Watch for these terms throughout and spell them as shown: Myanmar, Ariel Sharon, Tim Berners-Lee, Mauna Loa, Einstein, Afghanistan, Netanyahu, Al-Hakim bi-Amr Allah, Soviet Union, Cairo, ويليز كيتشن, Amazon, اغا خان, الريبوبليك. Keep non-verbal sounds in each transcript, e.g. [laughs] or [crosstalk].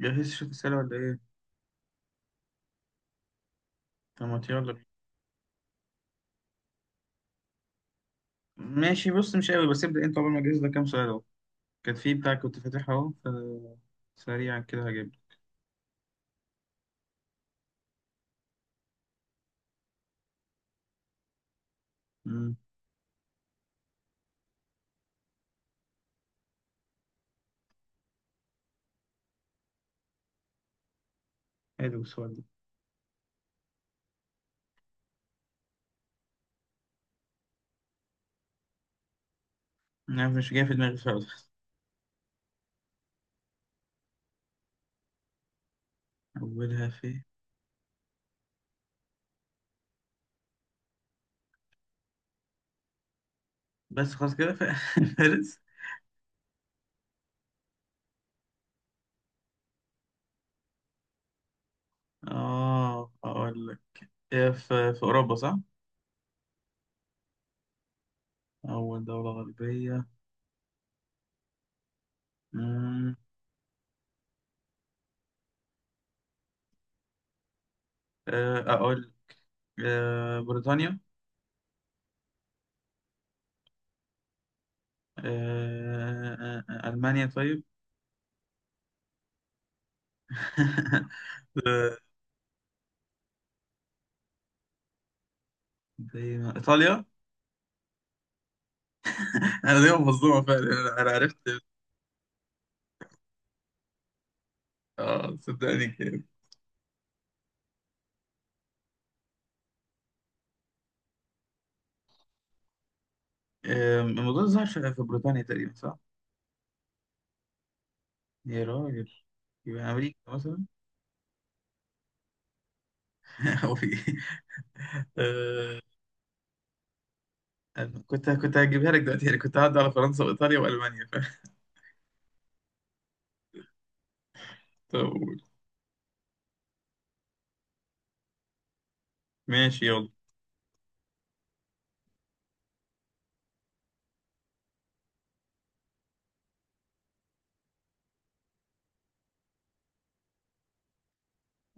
جهزت شوية أسئلة ولا إيه؟ طب ما يلا بينا. ماشي، بص، مش قوي، بس ابدأ أنت قبل ما أجهز لك كام سؤال أهو. كان في بتاع كنت فاتحها أهو، فسريعا كده هجيب لك. أمم، حلو السؤال ده. أنا مش جاي في دماغي خالص. أولها في. بس خلاص كده في. [laughs] فارس. آه أقول لك، هي في أوروبا صح؟ أول دولة غربية. أمم، أقول، بريطانيا. ألمانيا طيب. [laughs] آه، دايما إيطاليا. [laughs] انا دايما مصدوم فعلا. أنا عرفت. اه صدقني كده. الموضوع ده ظهر في بريطانيا تقريبا صح؟ يا راجل، يبقى امريكا مثلا. [laughs] هو في ايه؟ آه، أنا كنت هجيبها لك دلوقتي، يعني كنت هعدي على فرنسا وايطاليا والمانيا، فاهم. [laughs] طب قول. ماشي يلا.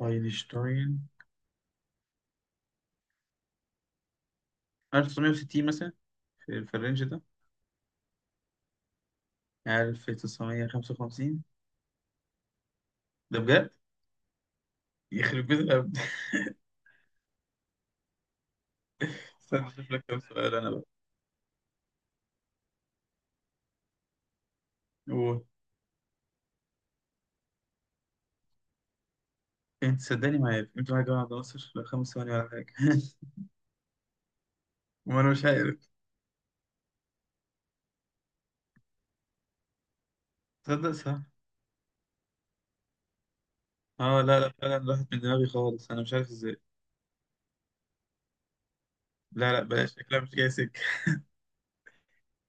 اينشتاين 1960 مثلا، في الرينج ده. 1955. ده بجد؟ يخرب بيت الهبد. [laughs] استنى اشوف لك كام سؤال انا بقى. قول. انت صدقني ما عارف انت حاجة. واحد ناصر؟ لا خمس ثواني ولا حاجة. [laughs] وانا مش عارف. تصدق صح. اه، لا لا، فعلا راحت من دماغي خالص، انا مش عارف ازاي. لا لا، بلاش، شكلها مش جاي سكة.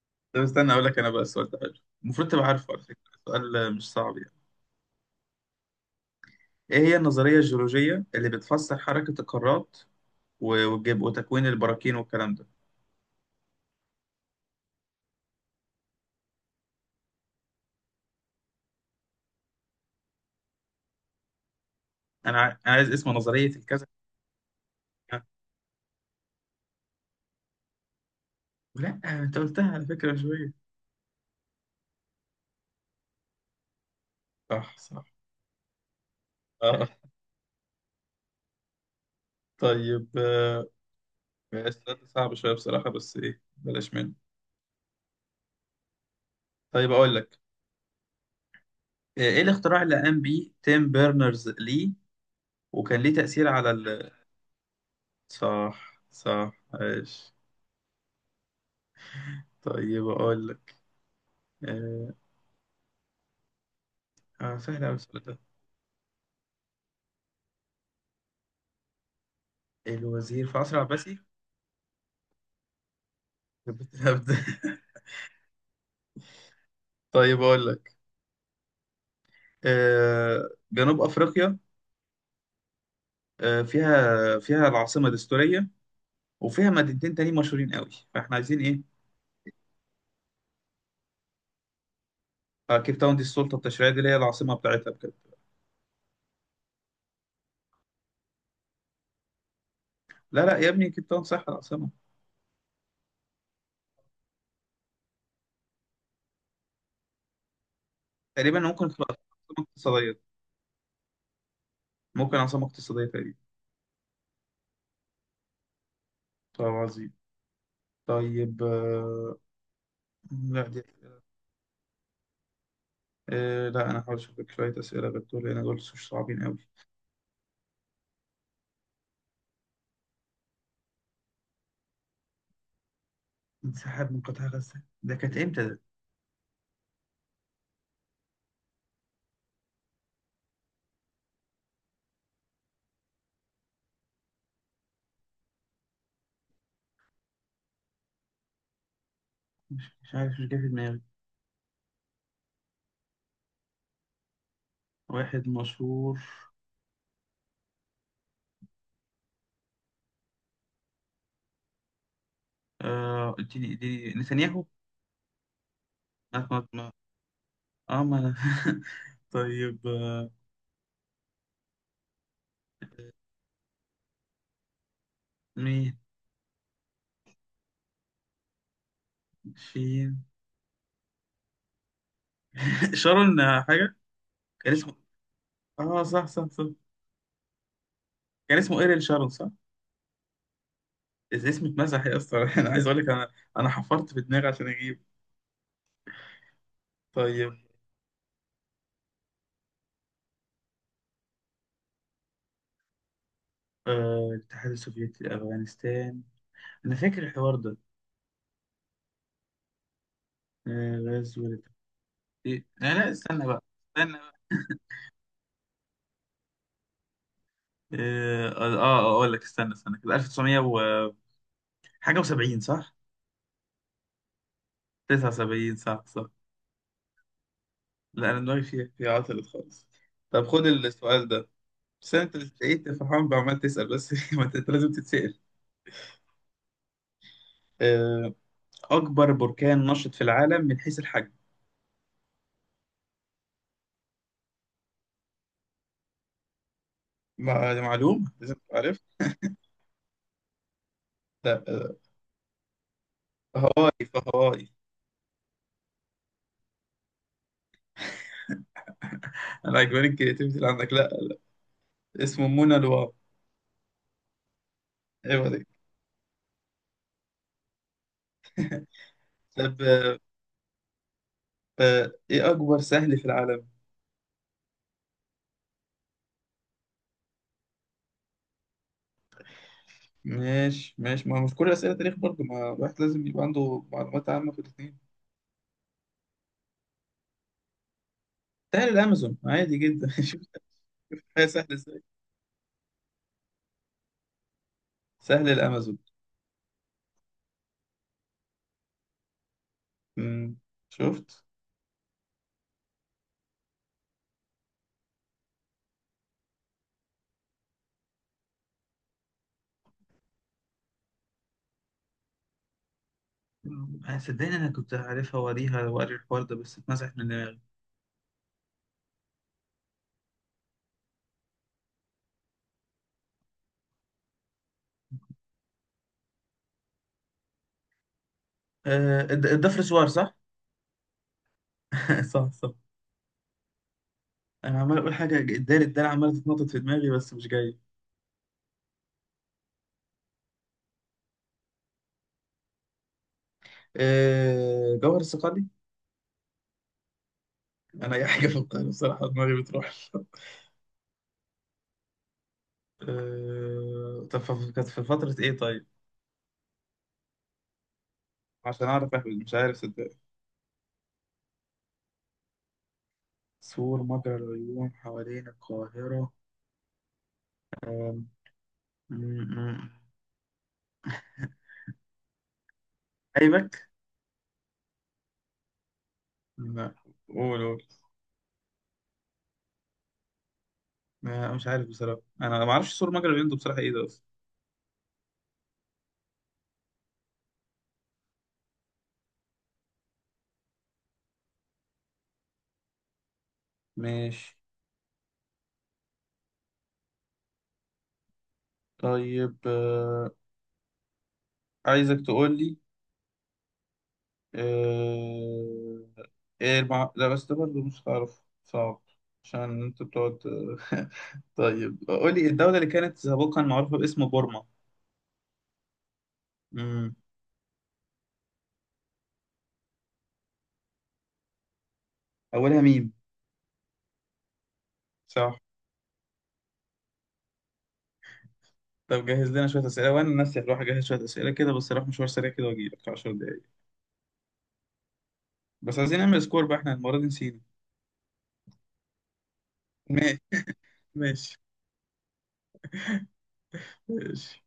[laughs] طب استنى اقول لك انا بقى. السؤال ده حلو، المفروض تبقى عارفه على فكرة، سؤال مش صعب يعني. ايه هي النظرية الجيولوجية اللي بتفسر حركة القارات والجب وتكوين البراكين والكلام ده؟ أنا عايز اسم نظرية الكذا. لا انت قلتها على فكرة من شوية. صح صح. اه. طيب، السؤال ده صعب شوية بصراحة، بس ايه بلاش منه. طيب اقول لك. إيه الاختراع اللي قام بيه تيم بيرنرز لي وكان ليه تأثير على ال...؟ صح صح، عايش. طيب اقول لك. آه سهل قوي السؤال ده. الوزير في عصر العباسي. [laughs] يخرب بيت الهبد. [laughs] طيب اقول لك، جنوب افريقيا، فيها العاصمة دستورية، وفيها مدينتين تانيين مشهورين قوي، فاحنا عايزين ايه. كيب تاون دي السلطة التشريعية، دي اللي هي العاصمة بتاعتها بجد. لا لا يا ابني، كيب تاون صح العاصمة. تقريبا ممكن تبقى عاصمة اقتصادية. ممكن عاصمة اقتصادية تقريبا. طب عظيم. طيب، لا دي، لا أنا هحاول أشوف لك شوية أسئلة غير دول، لأن دول مش صعبين أوي. انسحاب من قطاع غزة، ده كانت إمتى ده؟ مش عارف، مش جاي في دماغي. واحد مشهور. اديني نتنياهو. أنا كنت ما، ما أنا. [laughs] طيب، مين؟ شين. [laughs] شارون، حاجة. كان اسمه، آه صح صح صح. كان اسمه إيرين شارون صح؟ اسم اتمسح يا اسطى. [laughs] أنا عايز أقول لك. أنا، أنا حفرت في دماغي عشان أجيب. طيب، الاتحاد السوفيتي لأفغانستان، أنا فاكر الحوار ده. غزو. إيه؟ لا لا، استنى بقى استنى بقى. أقول لك، استنى استنى كده. 1900 و حاجة و70 صح؟ 79، صح صح. لا أنا دماغي فيها عطلت خالص. طب خد السؤال ده، بس أنت اللي لقيت فرحان بعمال تسأل بس. [laughs] ما أنت لازم تتسأل. آه، أكبر بركان نشط في العالم من حيث الحجم. معلوم لازم تعرف. لا. هواي فهواي. أنا عجباني الكرياتيفيتي اللي عندك. لا، اسمه منى لواء. ايوه دي. طب، ايه اكبر سهل في العالم؟ ماشي ماشي، ما هو مش كل اسئله تاريخ برضه، ما الواحد لازم يبقى عنده معلومات عامه في الاثنين. سهل الامازون عادي جدا. [laughs] شوف الحياة سهل ازاي. سهل الامازون. مم. شفت. أنا صدقني انا كنت عارفها، واريها واري الحوار ده بس اتمسح من دماغي. الضفر سوار صح؟ [laughs] صح صح. انا عمال اقول حاجه، الدال عماله تتنطط في دماغي بس مش جايه. جوهر الصقلي. انا اي حاجه في القاهره بصراحه دماغي بتروح. طب، كانت في فترة إيه طيب؟ عشان أعرف أهبد، مش عارف، صدق. سور مجرى العيون حوالين القاهرة. أم... م- م- أيبك؟ لا، قول قول. مش عارف بصراحة، أنا ما أعرفش سور مجرى العيون ده بصراحة، إيه ده أصلا. ماشي. طيب، عايزك تقول لي، أه... إيه لا بس ده برضه مش هتعرف، صعب، عشان أنت بتقعد. [laughs] طيب قول لي، الدولة اللي كانت سابقا معروفة باسم بورما، اولها ميم. صح. طب جهز لنا شويه اسئله، وانا نفسي هروح اجهز شويه اسئله كده، بس اروح مشوار سريع كده واجي لك في 10 دقايق. بس عايزين نعمل سكور بقى، احنا المره دي نسينا. ماشي، ماشي، ماشي.